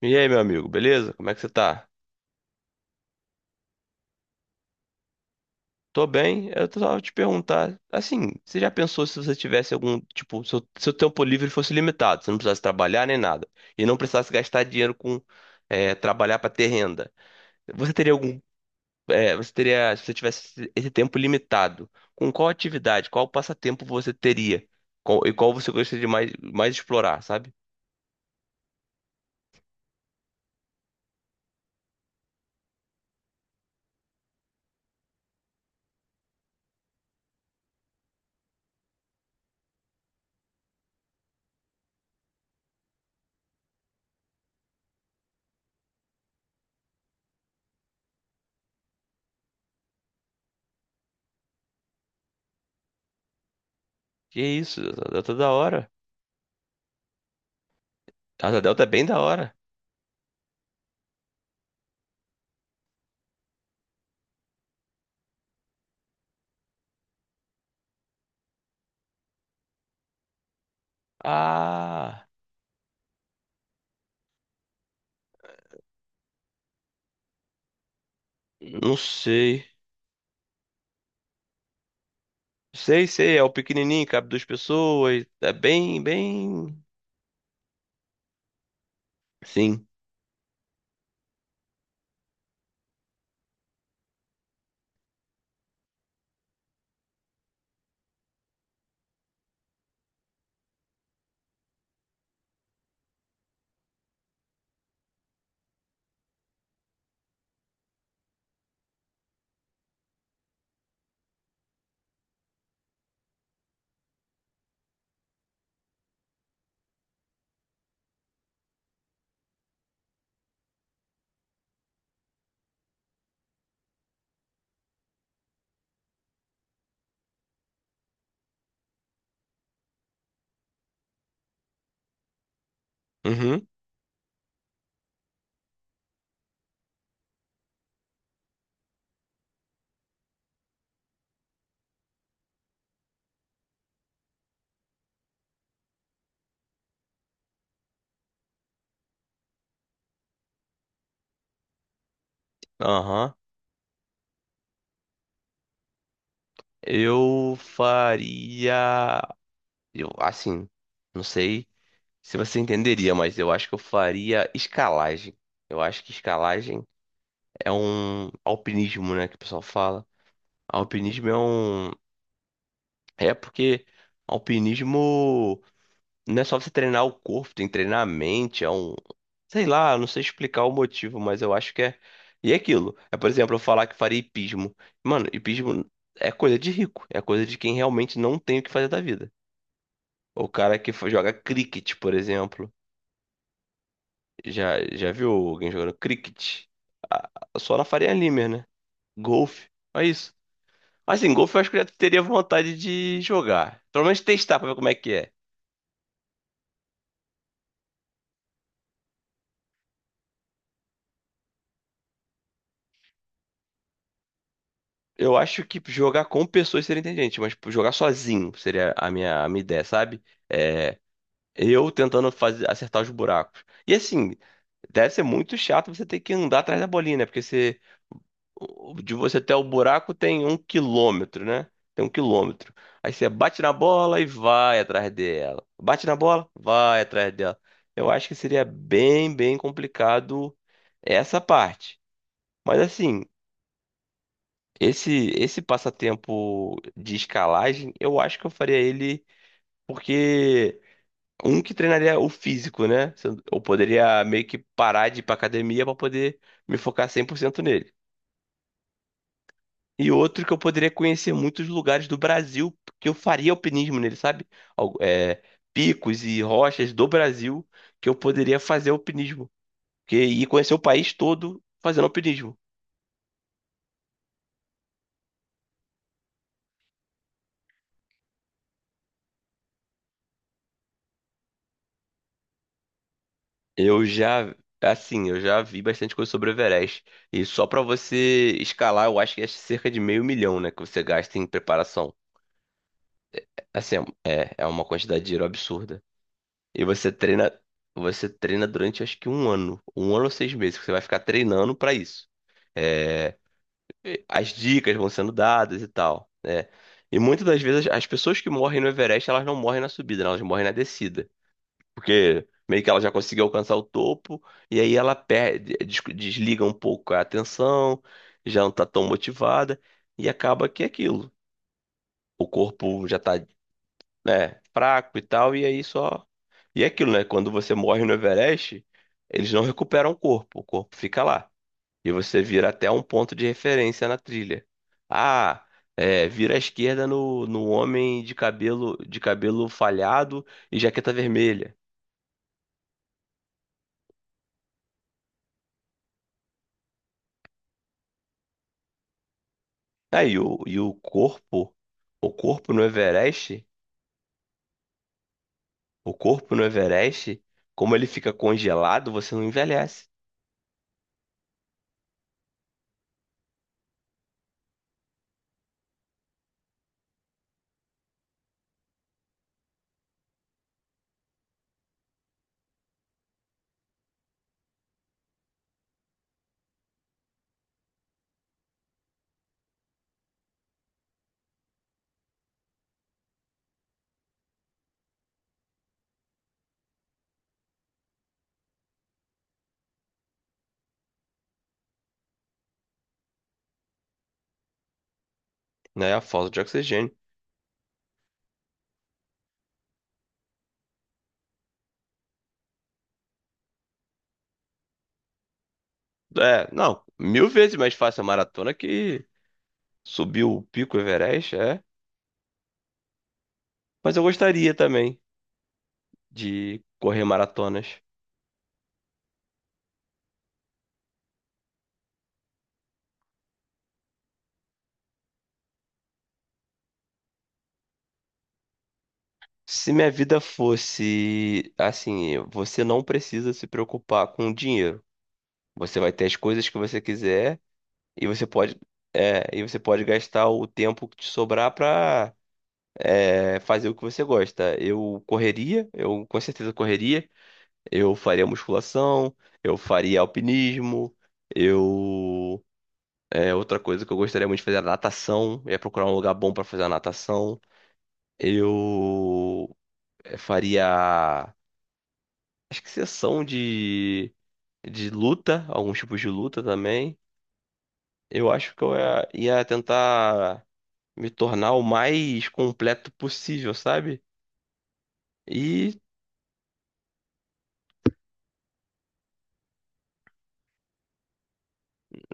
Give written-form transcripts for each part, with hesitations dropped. E aí, meu amigo, beleza? Como é que você tá? Tô bem, eu tô só te perguntar, assim, você já pensou se você tivesse algum, tipo, seu tempo livre fosse limitado, você não precisasse trabalhar nem nada, e não precisasse gastar dinheiro com, trabalhar pra ter renda, você teria algum, você teria, se você tivesse esse tempo limitado, com qual atividade, qual passatempo você teria, e qual você gostaria de mais explorar, sabe? Que isso, a Delta é da hora, a Delta é bem da hora. Ah, não sei. Sei, sei, é o pequenininho, cabe duas pessoas. É bem, bem. Sim. Uhum. Aham. Eu faria. Eu, assim, não sei se você entenderia, mas eu acho que eu faria escalagem. Eu acho que escalagem é um alpinismo, né, que o pessoal fala. Alpinismo é um. É porque alpinismo. Não é só você treinar o corpo, tem que treinar a mente, é um. Sei lá, não sei explicar o motivo, mas eu acho que é. E é aquilo. É, por exemplo, eu falar que faria hipismo. Mano, hipismo é coisa de rico, é coisa de quem realmente não tem o que fazer da vida. O cara que joga cricket, por exemplo. Já viu alguém jogando cricket? Ah, só na Faria Limer, né? Golfe. É isso. Assim, golfe eu acho que eu já teria vontade de jogar. Pelo menos testar pra ver como é que é. Eu acho que jogar com pessoas seria inteligente, mas tipo, jogar sozinho seria a minha ideia, sabe? É, eu tentando fazer, acertar os buracos. E assim, deve ser muito chato você ter que andar atrás da bolinha, né? Porque você, de você até o buraco tem 1 quilômetro, né? Tem um quilômetro. Aí você bate na bola e vai atrás dela. Bate na bola, vai atrás dela. Eu acho que seria bem, bem complicado essa parte. Mas assim. Esse passatempo de escalagem, eu acho que eu faria ele porque um que treinaria o físico, né? Se eu poderia meio que parar de ir pra academia para poder me focar 100% nele. E outro que eu poderia conhecer muitos lugares do Brasil, que eu faria alpinismo nele, sabe? Al- é, picos e rochas do Brasil que eu poderia fazer alpinismo. Que, e conhecer o país todo fazendo alpinismo. Eu já, assim, eu já vi bastante coisa sobre o Everest. E só pra você escalar, eu acho que é cerca de meio milhão, né, que você gasta em preparação. Assim, é, é uma quantidade de dinheiro absurda. E você treina durante acho que um ano ou 6 meses, que você vai ficar treinando pra isso. É, as dicas vão sendo dadas e tal, né? E muitas das vezes as pessoas que morrem no Everest, elas não morrem na subida, né? Elas morrem na descida. Porque meio que ela já conseguiu alcançar o topo, e aí ela perde, desliga um pouco a atenção, já não tá tão motivada, e acaba que é aquilo. O corpo já tá, né, fraco e tal, e aí só. E é aquilo, né? Quando você morre no Everest, eles não recuperam o corpo fica lá. E você vira até um ponto de referência na trilha. Ah, é, vira à esquerda no, no homem de cabelo falhado e jaqueta vermelha. Ah, e o corpo no Everest, o corpo no Everest, como ele fica congelado, você não envelhece, né? A falta de oxigênio. É, não, mil vezes mais fácil a maratona que subir o pico Everest, é. Mas eu gostaria também de correr maratonas. Se minha vida fosse assim, você não precisa se preocupar com dinheiro. Você vai ter as coisas que você quiser e e você pode gastar o tempo que te sobrar para fazer o que você gosta. Eu correria, eu com certeza correria. Eu faria musculação, eu faria alpinismo, eu. É, outra coisa que eu gostaria muito de fazer era natação. Eu ia procurar um lugar bom para fazer a natação. Eu faria. Acho que sessão de luta, alguns tipos de luta também. Eu acho que eu ia tentar me tornar o mais completo possível, sabe? E,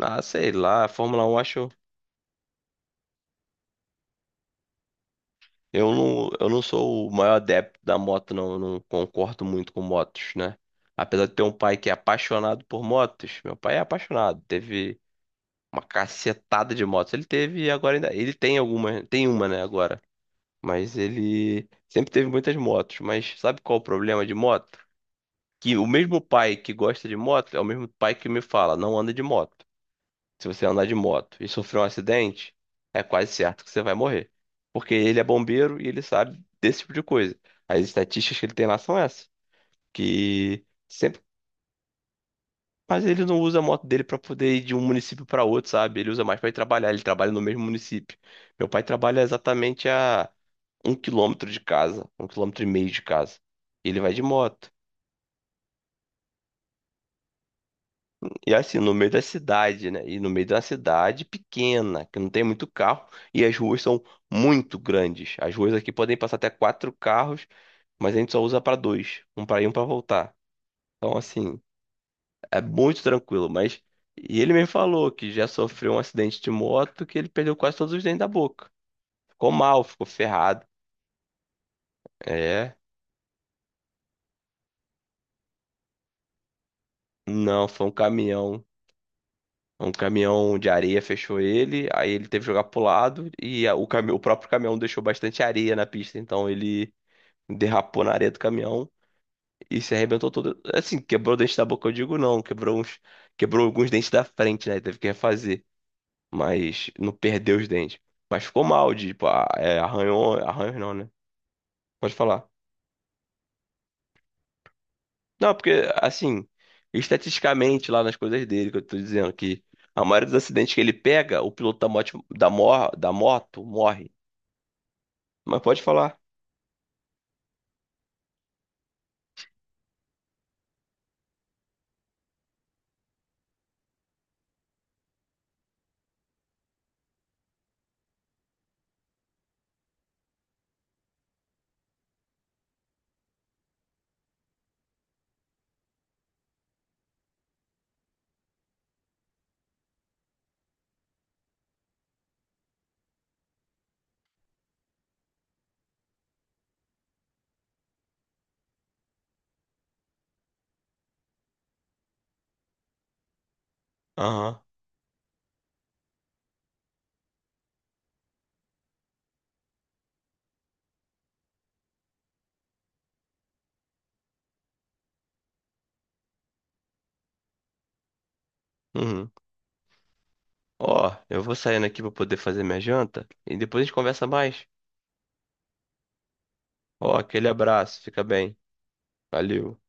ah, sei lá, a Fórmula 1 acho. Eu não sou o maior adepto da moto, não. Eu não concordo muito com motos, né? Apesar de ter um pai que é apaixonado por motos, meu pai é apaixonado. Teve uma cacetada de motos. Ele teve e agora ainda. Ele tem alguma, tem uma, né, agora. Mas ele sempre teve muitas motos. Mas sabe qual é o problema de moto? Que o mesmo pai que gosta de moto é o mesmo pai que me fala, não anda de moto. Se você andar de moto e sofrer um acidente, é quase certo que você vai morrer. Porque ele é bombeiro e ele sabe desse tipo de coisa. As estatísticas que ele tem lá são essas. Que sempre. Mas ele não usa a moto dele pra poder ir de um município pra outro, sabe? Ele usa mais pra ir trabalhar. Ele trabalha no mesmo município. Meu pai trabalha exatamente a 1 quilômetro de casa, 1,5 quilômetro de casa. Ele vai de moto. E assim, no meio da cidade, né? E no meio da cidade pequena, que não tem muito carro, e as ruas são muito grandes. As ruas aqui podem passar até quatro carros, mas a gente só usa para dois, um para ir e um para voltar. Então, assim, é muito tranquilo, mas e ele me falou que já sofreu um acidente de moto que ele perdeu quase todos os dentes da boca. Ficou mal, ficou ferrado. É, não, foi um caminhão. Um caminhão de areia fechou ele, aí ele teve que jogar pro lado e o próprio caminhão deixou bastante areia na pista, então ele derrapou na areia do caminhão e se arrebentou todo. Assim, quebrou o dente da boca, eu digo não, quebrou uns, quebrou alguns dentes da frente, né? Teve que refazer, mas não perdeu os dentes. Mas ficou mal, tipo, arranhou, arranhou não, né? Pode falar. Não, porque assim, estatisticamente lá nas coisas dele que eu tô dizendo que a maioria dos acidentes que ele pega, o piloto da moto, da moto morre. Mas pode falar. Aham. Uhum. Ó, eu vou saindo aqui pra poder fazer minha janta e depois a gente conversa mais. Ó, aquele abraço, fica bem. Valeu.